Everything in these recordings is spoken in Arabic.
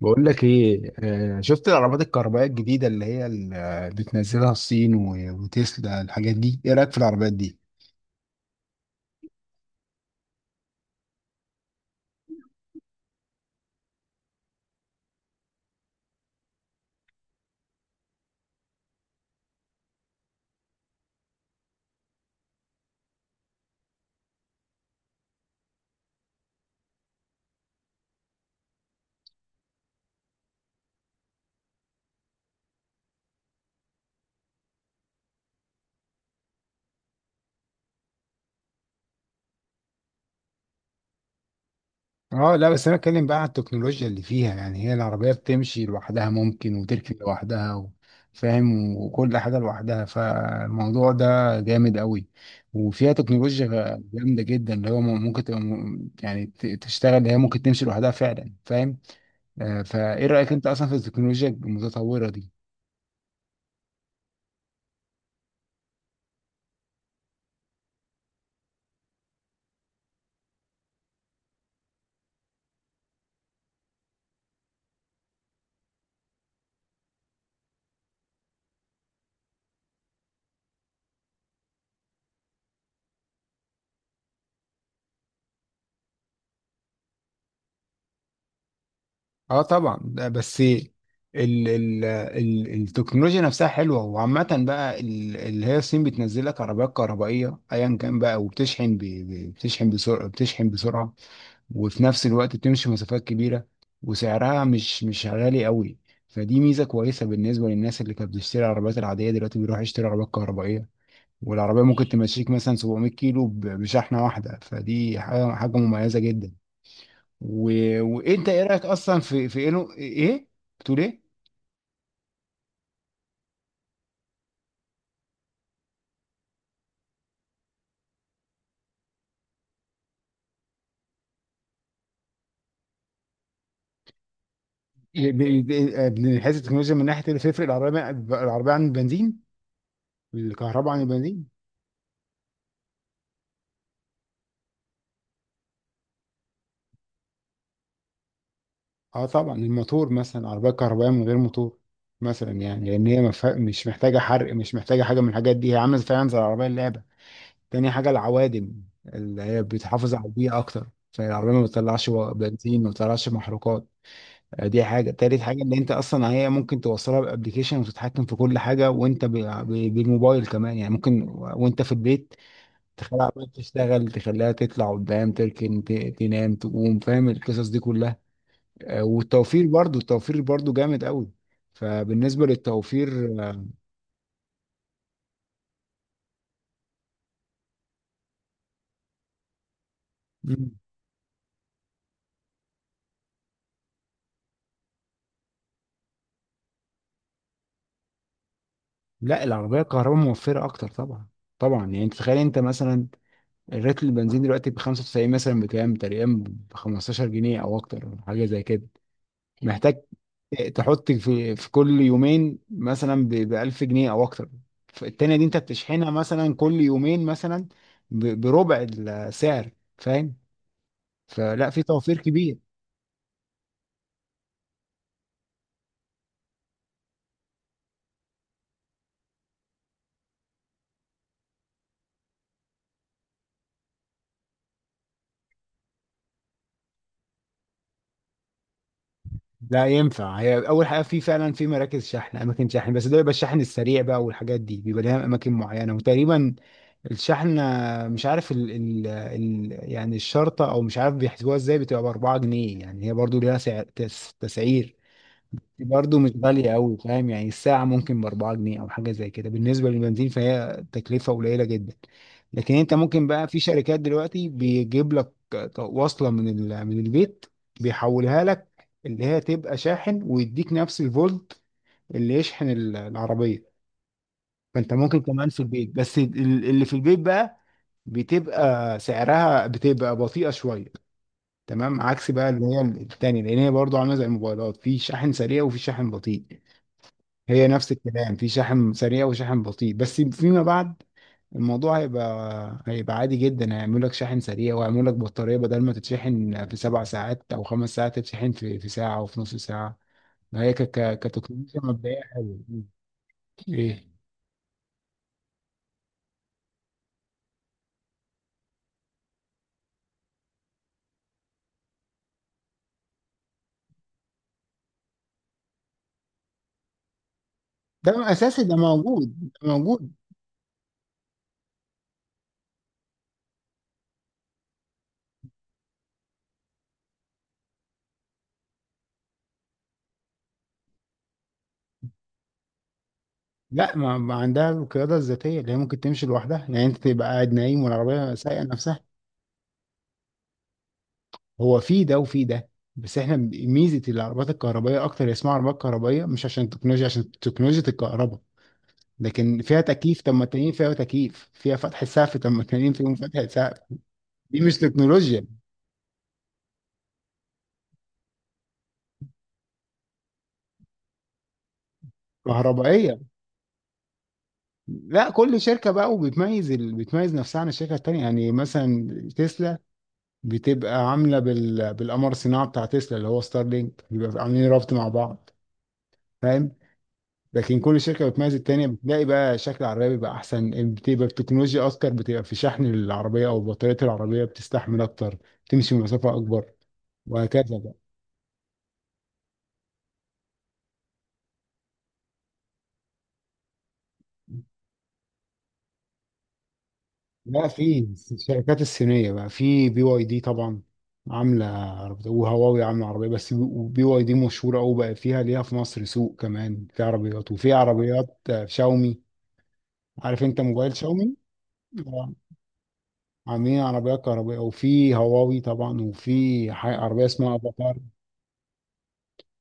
بقول لك ايه، شفت العربات الكهربائيه الجديده اللي بتنزلها الصين و- وتسلا، الحاجات دي ايه رايك في العربيات دي؟ اه لا، بس انا اتكلم بقى عن التكنولوجيا اللي فيها، يعني هي العربيه بتمشي لوحدها، ممكن وتركن لوحدها فاهم؟ وكل حاجه لوحدها. فالموضوع ده جامد قوي، وفيها تكنولوجيا جامده جدا، اللي هو ممكن تبقى م- يعني ت- تشتغل، اللي هي ممكن تمشي لوحدها فعلا، فاهم؟ فايه رايك انت اصلا في التكنولوجيا المتطوره دي؟ اه طبعا. ده بس ال التكنولوجيا نفسها حلوه، وعامه بقى اللي هي الصين بتنزل لك عربيات كهربائيه ايا كان بقى، وبتشحن ب- ب- بتشحن بسرعه بتشحن بسرعه، وفي نفس الوقت بتمشي مسافات كبيره، وسعرها مش غالي قوي. فدي ميزه كويسه بالنسبه للناس اللي كانت بتشتري العربيات العاديه، دلوقتي بيروح يشتري عربيات كهربائيه. والعربيه ممكن تمشيك مثلا 700 كيلو بشحنه واحده، فدي حاجه مميزه جدا. و... وانت، ايه رايك اصلا في انه ايه؟ بتقول ايه؟ من حيث التكنولوجيا، من ناحيه اللي تفرق العربيه عن البنزين، الكهرباء عن البنزين. اه طبعا، الموتور مثلا، العربيه الكهربائيه من غير موتور مثلا، يعني لان هي مش محتاجه حرق، مش محتاجه حاجه من الحاجات دي، هي عامله فعلا زي العربيه اللعبه. تاني حاجه العوادم، اللي هي بتحافظ على البيئه اكتر، فالعربيه ما بتطلعش بنزين، ما بتطلعش محروقات. يعني دي حاجة تالت حاجة، ان انت اصلا هي ممكن توصلها بابليكيشن وتتحكم في كل حاجة وانت بالموبايل كمان، يعني ممكن وانت في البيت تخليها عمال تشتغل، تخليها تطلع قدام، تركن تنام، تقوم، فاهم القصص دي كلها؟ والتوفير برضو، التوفير برضو جامد قوي، فبالنسبة للتوفير. مم. لا، العربية الكهرباء موفرة اكتر طبعا. طبعا يعني، انت تخيل انت مثلا، الريت البنزين دلوقتي ب 95 مثلا بكام تقريبا؟ ب 15 جنيه او اكتر، حاجة زي كده. محتاج تحط في كل يومين مثلا ب 1000 جنيه او اكتر. التانية دي انت بتشحنها مثلا كل يومين مثلا بربع السعر، فاهم؟ فلا، في توفير كبير. لا ينفع، هي اول حاجه في فعلا، في مراكز شحن، اماكن شحن، بس ده بيبقى الشحن السريع بقى، والحاجات دي بيبقى لها اماكن معينه. وتقريبا الشحن، مش عارف ال يعني الشرطه، او مش عارف بيحسبوها ازاي، بتبقى ب 4 جنيه، يعني هي برضو ليها سعر تسعير. برضه مش غالية أوي، فاهم؟ يعني الساعة ممكن ب4 جنيه أو حاجة زي كده، بالنسبة للبنزين فهي تكلفة قليلة جدا. لكن أنت ممكن بقى، في شركات دلوقتي بيجيب لك وصلة من البيت، بيحولها لك اللي هي تبقى شاحن، ويديك نفس الفولت اللي يشحن العربية. فأنت ممكن كمان في البيت، بس اللي في البيت بقى بتبقى سعرها بتبقى بطيئة شوية. تمام؟ عكس بقى اللي هي التانية، لأن هي برضه عاملة زي الموبايلات، في شاحن سريع وفي شاحن بطيء. هي نفس الكلام، في شحن سريع وشحن بطيء. بس فيما بعد الموضوع هيبقى عادي جدا، هيعملوا لك شحن سريع، ويعملوا لك بطارية بدل ما تتشحن في 7 ساعات أو 5 ساعات، تتشحن في ساعة أو في نص ساعة. هي كتكنولوجيا مبدئية حلوة. إيه؟ ده أساسي، ده موجود. لا، ما عندها القيادة الذاتية، اللي هي ممكن تمشي لوحدها، يعني أنت تبقى قاعد نايم والعربية سايقة نفسها. هو في ده وفي ده، بس احنا ميزه العربيات الكهربائيه اكتر، هي اسمها عربيات كهربائيه مش عشان التكنولوجيا، عشان تكنولوجيا الكهرباء. لكن فيها تكييف، طب ما التانيين فيها تكييف، فيها فتح سقف، طب ما التانيين فيهم فتح سقف، دي مش تكنولوجيا كهربائيه. لا، كل شركه بقى وبتميز بتميز نفسها عن الشركه التانيه. يعني مثلا تسلا بتبقى عامله بالقمر الصناعي بتاع تسلا، اللي هو ستارلينك، بيبقى عاملين رابط مع بعض، فاهم؟ لكن كل شركه بتميز التانيه، بتلاقي بقى شكل العربيه بيبقى احسن، بتبقى التكنولوجيا اذكر، بتبقى في شحن العربيه او بطاريه العربيه بتستحمل اكتر، تمشي مسافه اكبر، وهكذا بقى. لا، في الشركات الصينيه بقى، في بي واي دي طبعا عامله عربيه، وهواوي عامله عربيه. بس بي واي دي مشهوره قوي بقى، فيها ليها في مصر سوق. كمان في عربيات، وفي عربيات شاومي. عارف انت موبايل شاومي؟ آه، عاملين عربيات كهربائيه. وفي هواوي طبعا، وفي عربيه اسمها افاتار،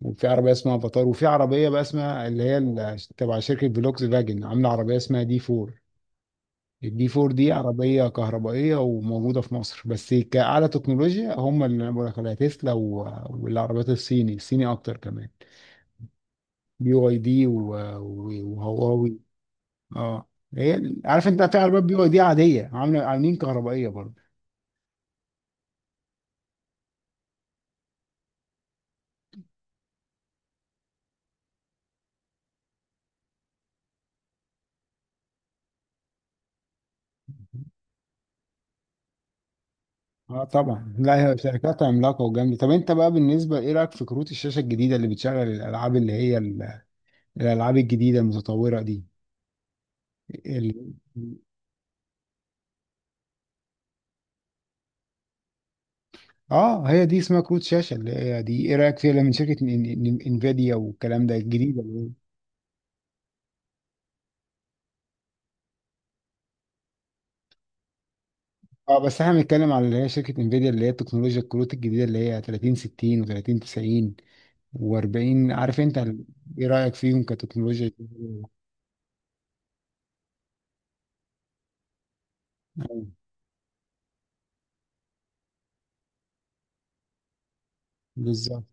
وفي عربيه اسمها افاتار، وفي عربيه بقى اسمها اللي هي تبع شركه فولكس فاجن، عامله عربيه اسمها دي 4. الدي 4 دي عربيه كهربائيه وموجوده في مصر. بس كاعلى تكنولوجيا، هم اللي انا بقول لك عليها تسلا والعربيات الصيني الصيني اكتر كمان، بي واي دي وهواوي. اه، هي عارف انت في عربيات بي واي دي عاديه، عامله عاملين كهربائيه برضه. اه طبعا، لا هي شركات عملاقه وجامده. طب انت بقى، بالنسبه ايه رايك في كروت الشاشه الجديده اللي بتشغل الالعاب، اللي هي الالعاب الجديده المتطوره دي؟ ال... اه، هي دي اسمها كروت شاشه، اللي هي دي ايه رايك فيها، اللي من شركه انفيديا والكلام ده الجديده اللي هي- اه، بس احنا بنتكلم على اللي هي شركه انفيديا، اللي هي التكنولوجيا، الكروت الجديده اللي هي 30 60 و30 90 و40، عارف انت ايه رايك فيهم كتكنولوجيا؟ آه، بالظبط.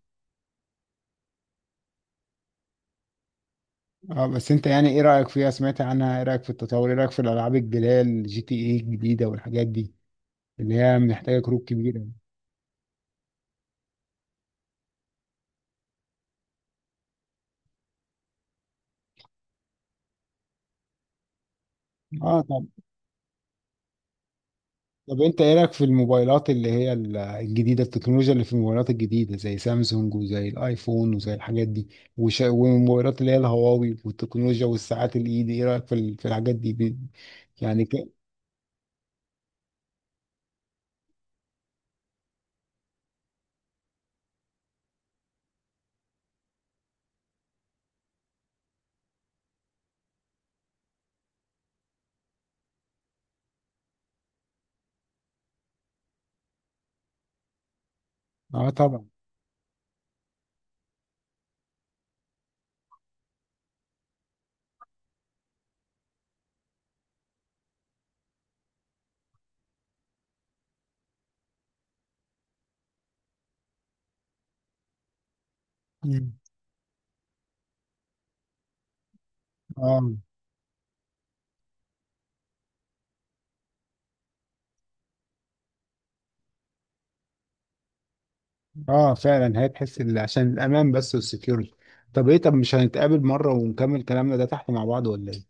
اه بس انت، يعني ايه رايك فيها، سمعت عنها؟ ايه رايك في التطور؟ ايه رايك في الالعاب الجديده، الجي تي ايه الجديده والحاجات دي، اللي هي محتاجه كروت كبيره. اه، طب انت ايه رايك في الموبايلات اللي هي الجديده، التكنولوجيا اللي في الموبايلات الجديده زي سامسونج وزي الايفون وزي الحاجات دي، والموبايلات اللي هي الهواوي والتكنولوجيا والساعات الايد، ايه رايك في في الحاجات دي يعني اه طبعا. مم. اه، اه فعلا، هتحس عشان الامان بس والسكيورتي. طب ايه؟ طب مش هنتقابل مره ونكمل كلامنا ده تحت مع بعض ولا ايه؟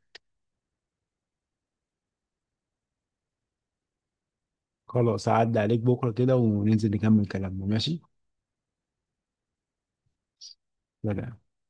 خلاص، اعدي عليك بكره كده وننزل نكمل كلامنا، ماشي؟ سلام.